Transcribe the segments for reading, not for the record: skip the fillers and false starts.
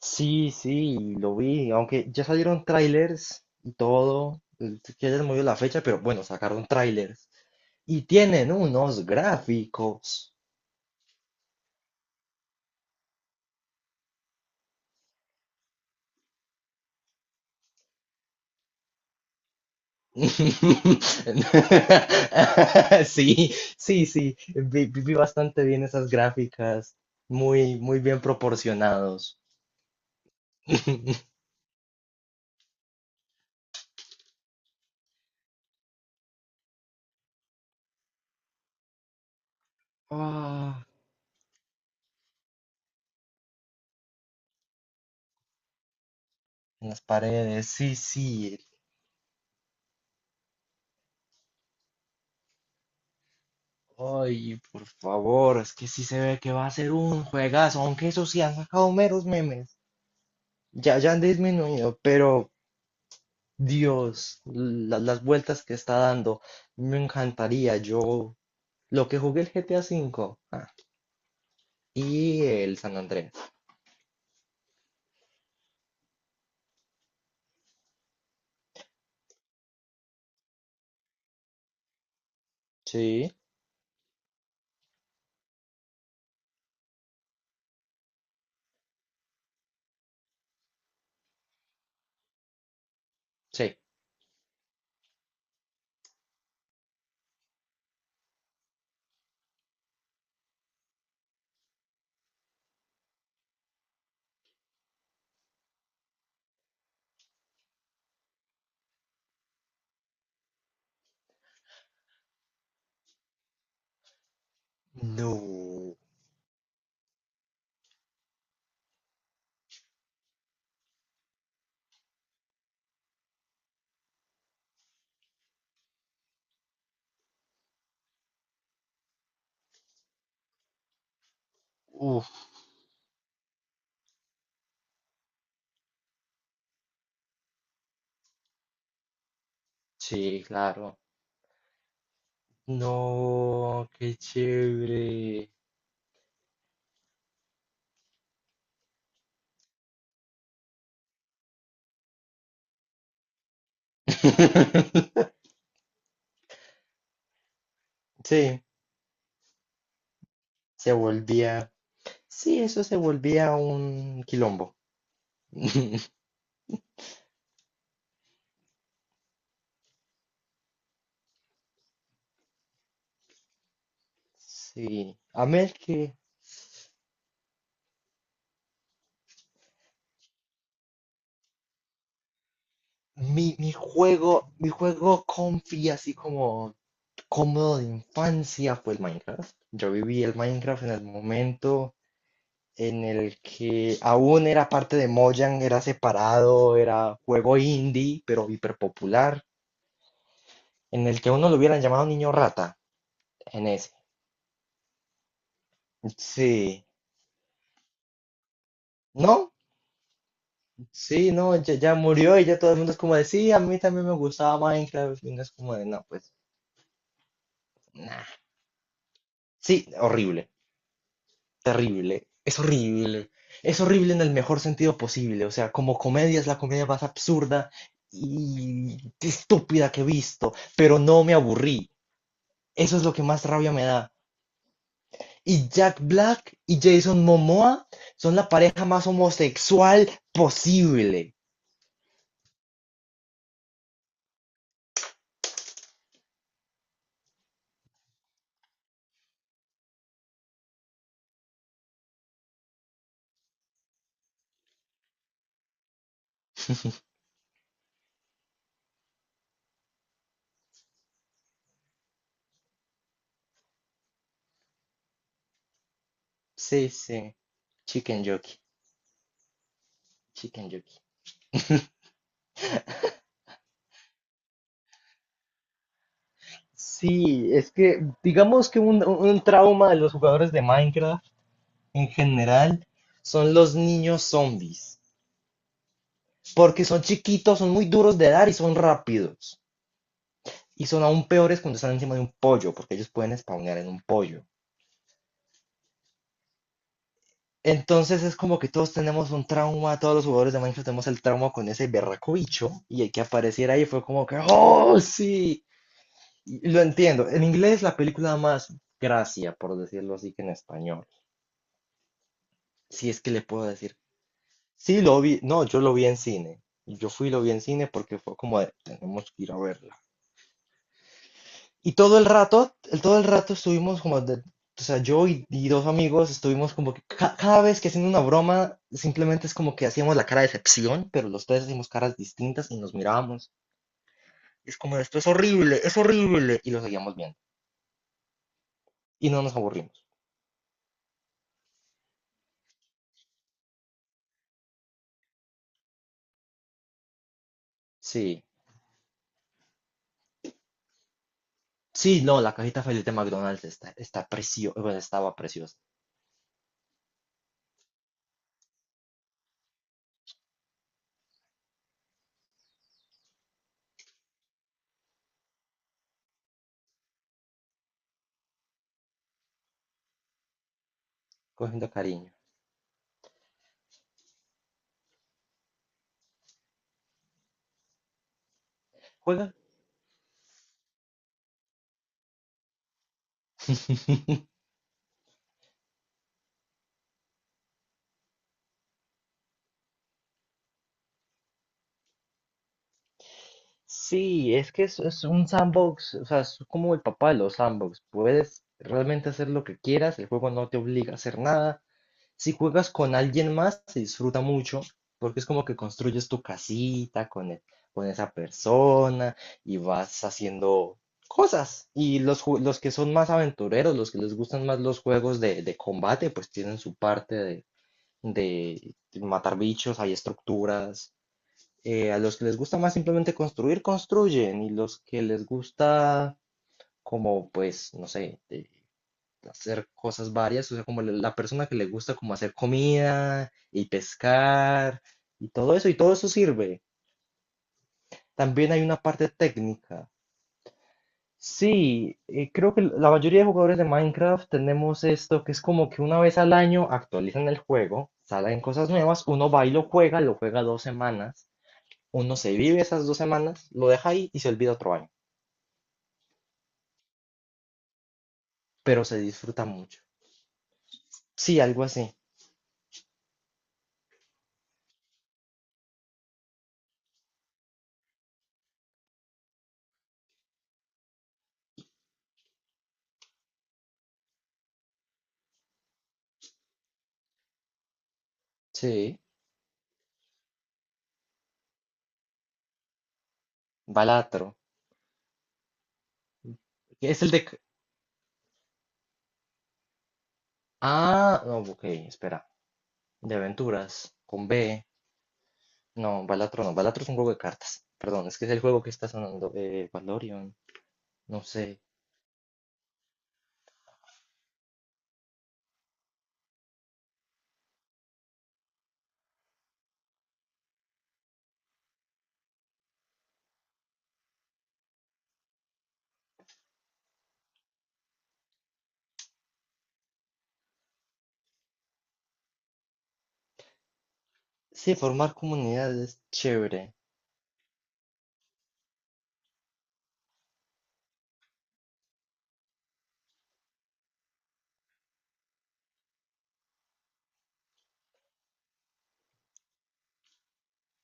Sí, sí, lo vi, aunque ya salieron trailers y todo, que hayan movido la fecha, pero bueno, sacaron trailers. Y tienen unos gráficos. Sí, sí, sí, vi bastante bien esas gráficas, muy, muy bien proporcionados. Ah, en las paredes, sí, sí. Ay, por favor, es que sí se ve que va a ser un juegazo, aunque eso sí han sacado meros memes. Ya, ya han disminuido, pero Dios, las vueltas que está dando, me encantaría. Yo, lo que jugué el GTA V y el San Andrés. Sí, sí. No. Uf, sí, claro. No, qué chévere. Sí, se volvía. Sí, eso se volvía un quilombo. Sí, a mí el que mi, mi juego comfy, así como cómodo de infancia, fue el Minecraft. Yo viví el Minecraft en el momento en el que aún era parte de Mojang, era separado, era juego indie, pero hiper popular, en el que a uno lo hubieran llamado niño rata, en ese. Sí, no, sí, no, ya, ya murió y ya todo el mundo es como de, sí, a mí también me gustaba Minecraft, y uno es como de, no, pues, nah. Sí, horrible, terrible, es horrible en el mejor sentido posible, o sea, como comedia es la comedia más absurda y estúpida que he visto, pero no me aburrí, eso es lo que más rabia me da. Y Jack Black y Jason Momoa son la pareja más homosexual posible. Sí, sí, chicken jockey, chicken jockey. Sí, es que digamos que un trauma de los jugadores de Minecraft en general son los niños zombies. Porque son chiquitos, son muy duros de dar y son rápidos. Y son aún peores cuando están encima de un pollo, porque ellos pueden spawnear en un pollo. Entonces es como que todos tenemos un trauma, todos los jugadores de Minecraft tenemos el trauma con ese berraco bicho, y el que apareciera ahí fue como que, ¡oh, sí! Y lo entiendo. En inglés la película da más gracia, por decirlo así, que en español. Si es que le puedo decir, sí, lo vi, no, yo lo vi en cine. Yo fui y lo vi en cine porque fue como de, tenemos que ir a verla. Y todo el rato, todo el rato estuvimos como, de- o sea, yo y dos amigos estuvimos como que cada vez que haciendo una broma, simplemente es como que hacíamos la cara de decepción, pero los tres hacíamos caras distintas y nos mirábamos. Es como, esto es horrible, y lo seguíamos viendo. Y no nos aburrimos. Sí. Sí, no, la cajita feliz de McDonald's está, está preciosa, bueno, estaba preciosa, cogiendo cariño. Juega. Sí, es que es un sandbox, o sea, es como el papá de los sandbox. Puedes realmente hacer lo que quieras, el juego no te obliga a hacer nada. Si juegas con alguien más, se disfruta mucho, porque es como que construyes tu casita con, con esa persona y vas haciendo cosas. Y los, los que son más aventureros, los que les gustan más los juegos de combate, pues tienen su parte de matar bichos, hay estructuras, a los que les gusta más simplemente construir, construyen, y los que les gusta como, pues, no sé, hacer cosas varias, o sea, como la la persona que le gusta como hacer comida y pescar y todo eso sirve. También hay una parte técnica. Sí, creo que la mayoría de jugadores de Minecraft tenemos esto, que es como que una vez al año actualizan el juego, salen cosas nuevas, uno va y lo juega dos semanas, uno se vive esas dos semanas, lo deja ahí y se olvida otro año. Pero se disfruta mucho. Sí, algo así. Sí, Balatro. Es el de... c- Ah, no, ok, espera. De aventuras, con B. No, Balatro no. Balatro es un juego de cartas. Perdón, es que es el juego que está sonando. Valorion, no sé. Sí, formar comunidades es chévere.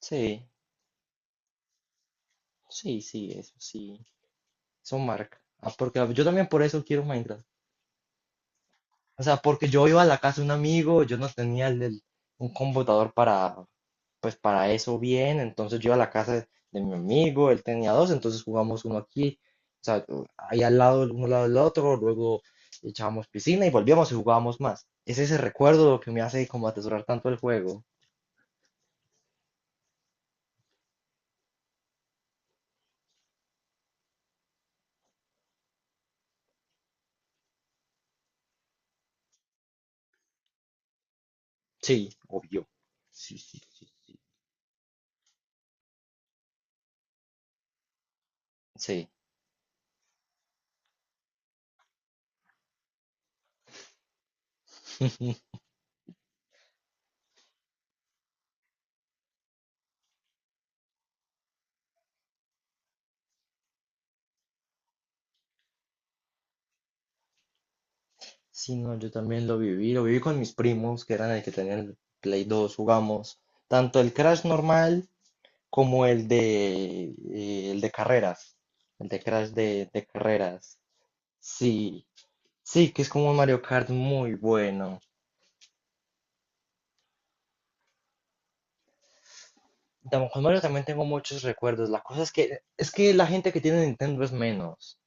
Sí, sí, sí. Eso marca. Ah, porque yo también por eso quiero Minecraft. O sea, porque yo iba a la casa de un amigo, yo no tenía un computador para, pues para eso bien, entonces yo iba a la casa de mi amigo, él tenía dos, entonces jugamos uno aquí, o sea, ahí al lado, uno al lado del otro, luego echábamos piscina y volvíamos y jugábamos más. Es ese recuerdo lo que me hace como atesorar tanto el juego. Sí, obvio. Sí, sí, sí, sí. Sí. Sí, no, yo también lo viví con mis primos, que eran el que tenían el Play 2, jugamos tanto el Crash normal, como el de carreras, el de Crash de carreras. Sí, sí, que es como un Mario Kart muy bueno. Tam- con Mario también tengo muchos recuerdos. La cosa es que la gente que tiene Nintendo es menos.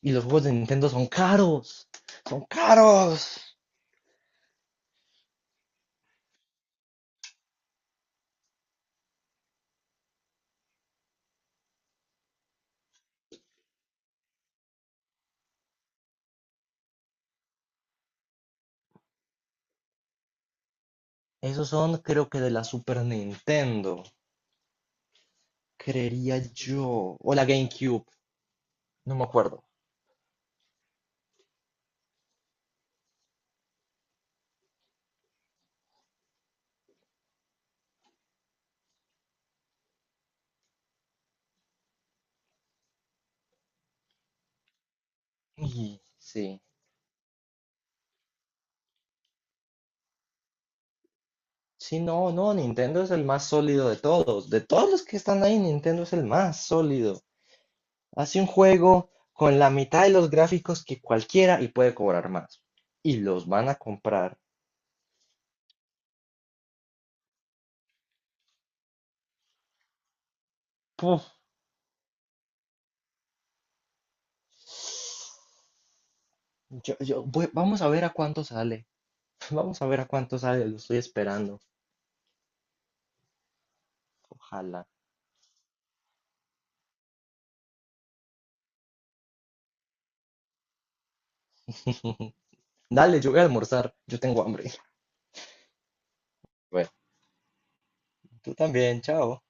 Y los juegos de Nintendo son caros. Son caros. Esos son, creo que de la Super Nintendo, creería yo. O la GameCube, no me acuerdo. Y sí. Sí, no, no, Nintendo es el más sólido de todos. De todos los que están ahí, Nintendo es el más sólido. Hace un juego con la mitad de los gráficos que cualquiera y puede cobrar más. Y los van a comprar. Puf, yo, vamos a ver a cuánto sale. Vamos a ver a cuánto sale, lo estoy esperando. Ojalá. Dale, yo voy a almorzar. Yo tengo hambre. Bueno, tú también, chao.